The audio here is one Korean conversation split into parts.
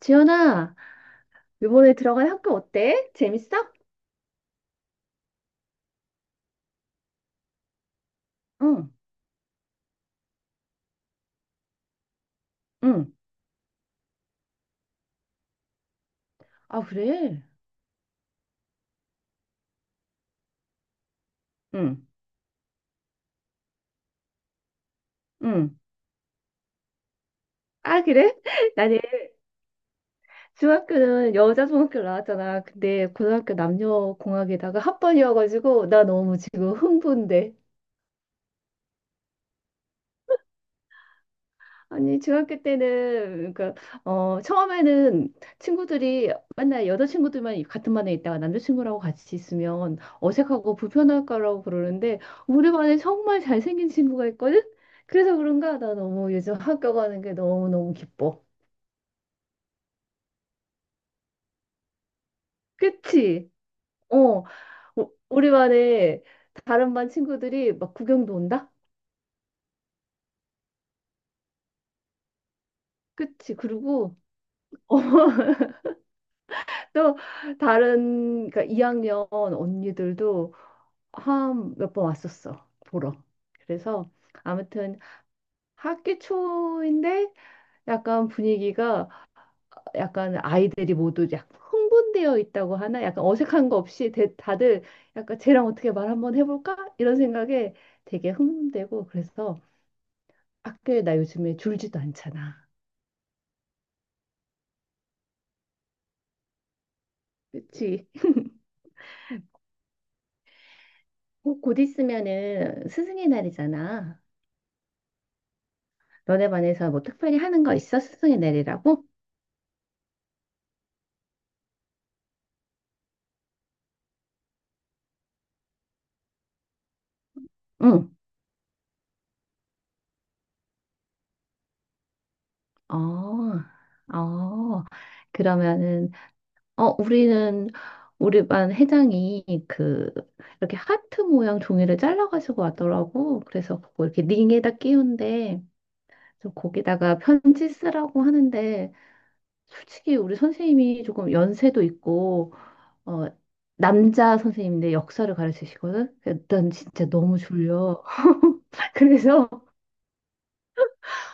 지연아, 이번에 들어간 학교 어때? 재밌어? 응, 응. 아, 그래? 응, 응. 아, 그래? 나는 중학교는 여자 중학교 나왔잖아. 근데 고등학교 남녀 공학에다가 합반이어가지고 나 너무 지금 흥분돼. 아니, 중학교 때는, 그니까 처음에는 친구들이 맨날 여자친구들만 같은 반에 있다가 남자친구라고 같이 있으면 어색하고 불편할 거라고 그러는데, 우리 반에 정말 잘생긴 친구가 있거든? 그래서 그런가? 나 너무 요즘 학교 가는 게 너무너무 기뻐. 그치? 어, 우리 반에 다른 반 친구들이 막 구경도 온다? 그치? 그리고 또 다른, 그러니까 2학년 언니들도 한 몇 번 왔었어 보러. 그래서 아무튼 학기 초인데 약간 분위기가 약간 아이들이 모두 약간 흥분되어 있다고 하나 약간 어색한 거 없이 다들 약간 쟤랑 어떻게 말 한번 해볼까 이런 생각에 되게 흥분되고 그래서 학교에 나 요즘에 줄지도 않잖아. 그치? 곧 있으면은 스승의 날이잖아. 너네 반에서 뭐 특별히 하는 거 있어? 스승의 날이라고? 응. 어, 어, 그러면은, 어, 우리는, 우리 반 회장이 그, 이렇게 하트 모양 종이를 잘라가지고 왔더라고. 그래서 그거 이렇게 링에다 끼운데, 좀 거기다가 편지 쓰라고 하는데, 솔직히 우리 선생님이 조금 연세도 있고, 어, 남자 선생님인데 역사를 가르치시거든? 일단 진짜 너무 졸려. 그래서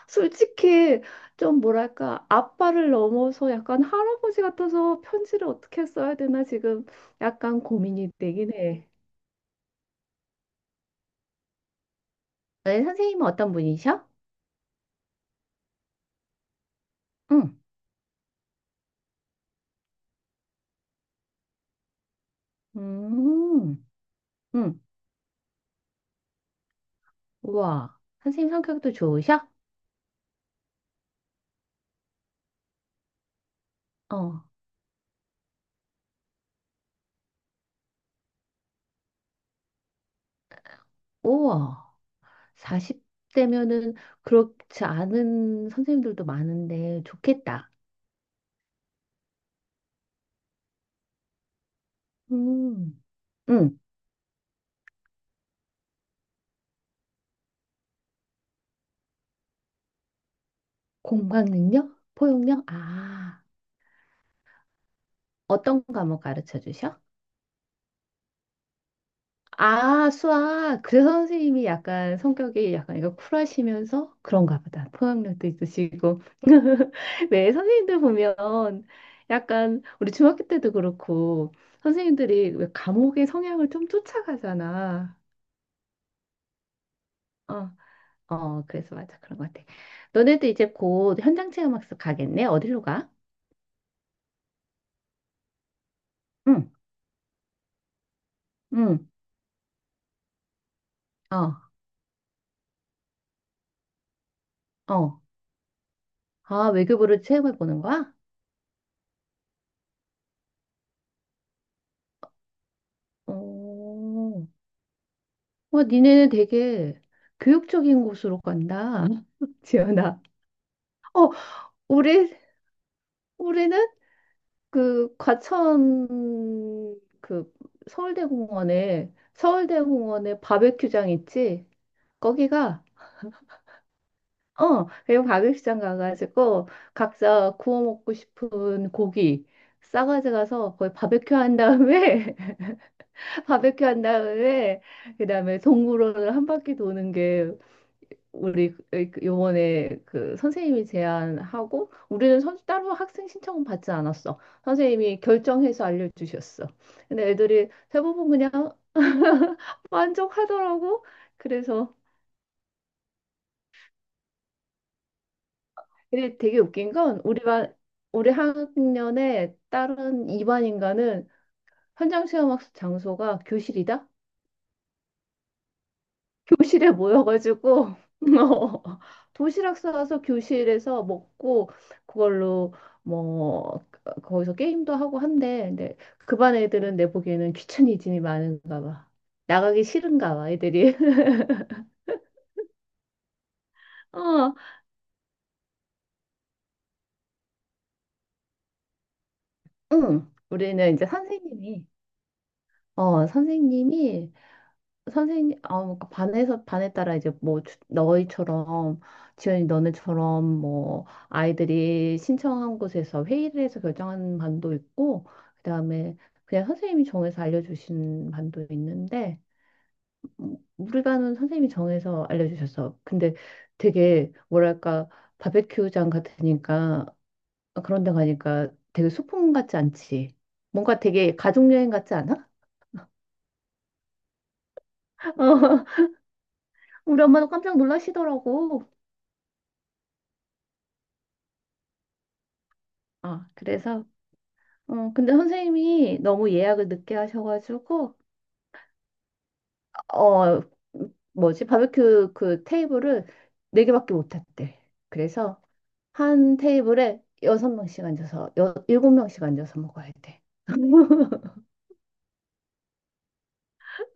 솔직히 좀 뭐랄까 아빠를 넘어서 약간 할아버지 같아서 편지를 어떻게 써야 되나 지금 약간 고민이 되긴 해. 네, 선생님은 어떤 분이셔? 응. 음. 응. 우와. 선생님 성격도 좋으셔? 어. 우와. 40대면은 그렇지 않은 선생님들도 많은데 좋겠다. 음. 응. 공부학 능력? 포용력? 아. 어떤 과목 가르쳐 주셔? 아, 수학. 그래서 선생님이 약간 성격이 약간 이거 쿨하시면서 그런가 보다. 포용력도 있으시고. 네, 선생님들 보면 약간 우리 중학교 때도 그렇고 선생님들이 왜 감옥의 성향을 좀 쫓아가잖아. 어, 어, 그래서 맞아. 그런 것 같아. 너네도 이제 곧 현장 체험학습 가겠네? 어디로 가? 응, 응, 어, 어. 아, 외교부를 체험해 보는 거야? 오. 니네는 되게 교육적인 곳으로 간다. 지연아. 어, 우리, 우리는 그 과천 그 서울대공원에, 서울대공원에 바베큐장 있지? 거기가, 그리고 바베큐장 가가지고 각자 구워 먹고 싶은 고기 싸가지 가서 거기 바베큐 한 다음에, 바베큐 한 다음에, 그 다음에 동물원을 한 바퀴 도는 게 우리 요번에 그 선생님이 제안하고 우리는 따로 학생 신청은 받지 않았어. 선생님이 결정해서 알려주셨어. 근데 애들이 대부분 그냥 만족하더라고. 그래서 근데 되게 웃긴 건 우리 반 우리 학년에 다른 이반 인가는 현장 체험 학습 장소가 교실이다. 교실에 모여가지고 어, 도시락 싸와서 교실에서 먹고 그걸로 뭐 거기서 게임도 하고 한대. 근데 그 반 애들은 내 보기에는 귀차니즘이 많은가 봐. 나가기 싫은가 봐, 애들이. 어, 응. 우리는 이제 선생님이 어, 선생님이 그러니까 반에 따라 이제 뭐, 너희처럼, 지연이 너네처럼 뭐, 아이들이 신청한 곳에서 회의를 해서 결정하는 반도 있고, 그다음에 그냥 선생님이 정해서 알려주신 반도 있는데, 우리 반은 선생님이 정해서 알려주셨어. 근데 되게, 뭐랄까, 바베큐장 같으니까, 그런 데 가니까 되게 소풍 같지 않지? 뭔가 되게 가족여행 같지 않아? 어, 우리 엄마도 깜짝 놀라시더라고. 어, 그래서, 근데 선생님이 너무 예약을 늦게 하셔가지고, 어, 뭐지, 바베큐 그 테이블을 네개밖에못 했대. 그래서 한 테이블에 여섯 명씩 앉아서, 여, 일곱 명씩 앉아서 먹어야 돼.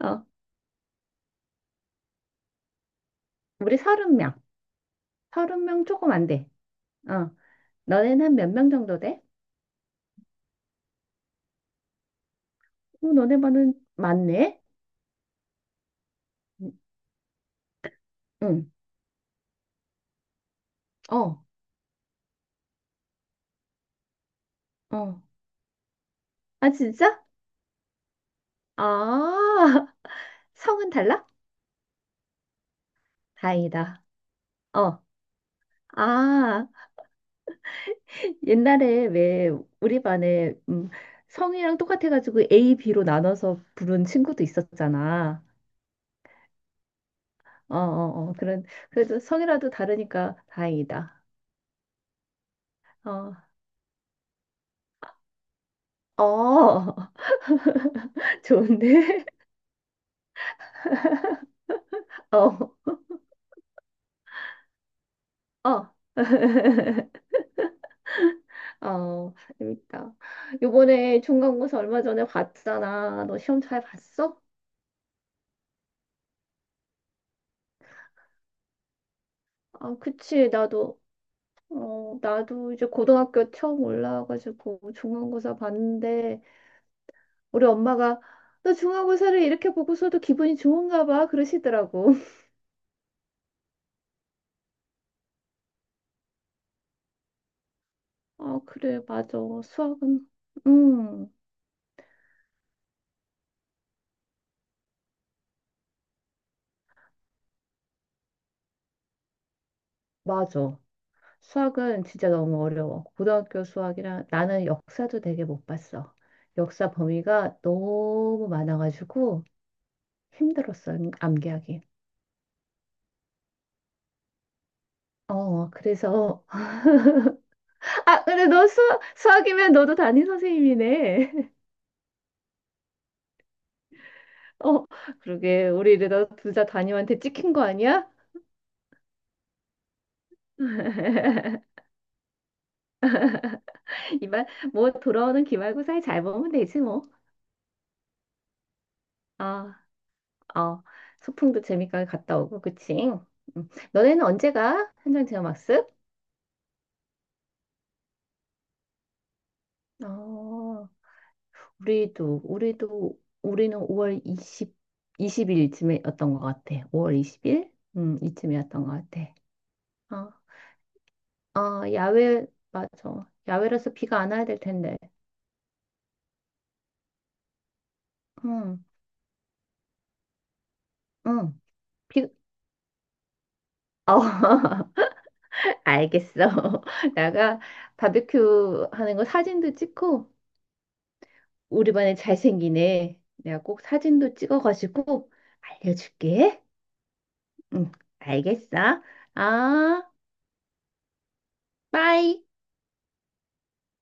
어, 우리 서른 명 조금 안 돼. 어, 너네는 한 몇 명 정도 돼? 너네 반은 많네? 응, 어, 어. 아, 진짜? 아, 성은 달라? 다행이다. 어, 아, 옛날에 왜 우리 반에 성이랑 똑같아가지고 A, B로 나눠서 부른 친구도 있었잖아. 어, 어, 어, 그런, 그래도 성이라도 다르니까 다행이다. 어, 어, 좋은데? 어, 어. 어, 재밌다. 요번에 중간고사 얼마 전에 봤잖아. 너 시험 잘 봤어? 아, 그치. 나도, 나도 이제 고등학교 처음 올라와가지고 중간고사 봤는데, 우리 엄마가 너 중간고사를 이렇게 보고서도 기분이 좋은가 봐 그러시더라고. 아, 그래, 맞아. 수학은, 음, 맞아. 수학은 진짜 너무 어려워. 고등학교 수학이랑 나는 역사도 되게 못 봤어. 역사 범위가 너무 많아가지고 힘들었어, 암기하기. 어, 그래서. 아, 그래, 너 수학, 수학이면 너도 담임 선생님이네. 어, 그러게. 우리 이러다 둘 다 담임한테 찍힌 거 아니야? 기말 뭐 돌아오는 기말고사에 잘 보면 되지 뭐. 아, 어, 소풍도 재밌게 갔다 오고 그치? 음. 너네는 언제 가? 현장 체험학습? 어, 우리도 우리도 우리는 5월 20 20일쯤이었던 것 같아. 5월 20일? 이쯤이었던 것 같아. 어, 어, 야외 맞아. 야외라서 비가 안 와야 될 텐데. 응, 응. 비, 어, 알겠어. 내가 바비큐 하는 거 사진도 찍고 우리 반에 잘생긴 애 내가 꼭 사진도 찍어가지고 알려줄게. 응, 알겠어. 아, 빠이.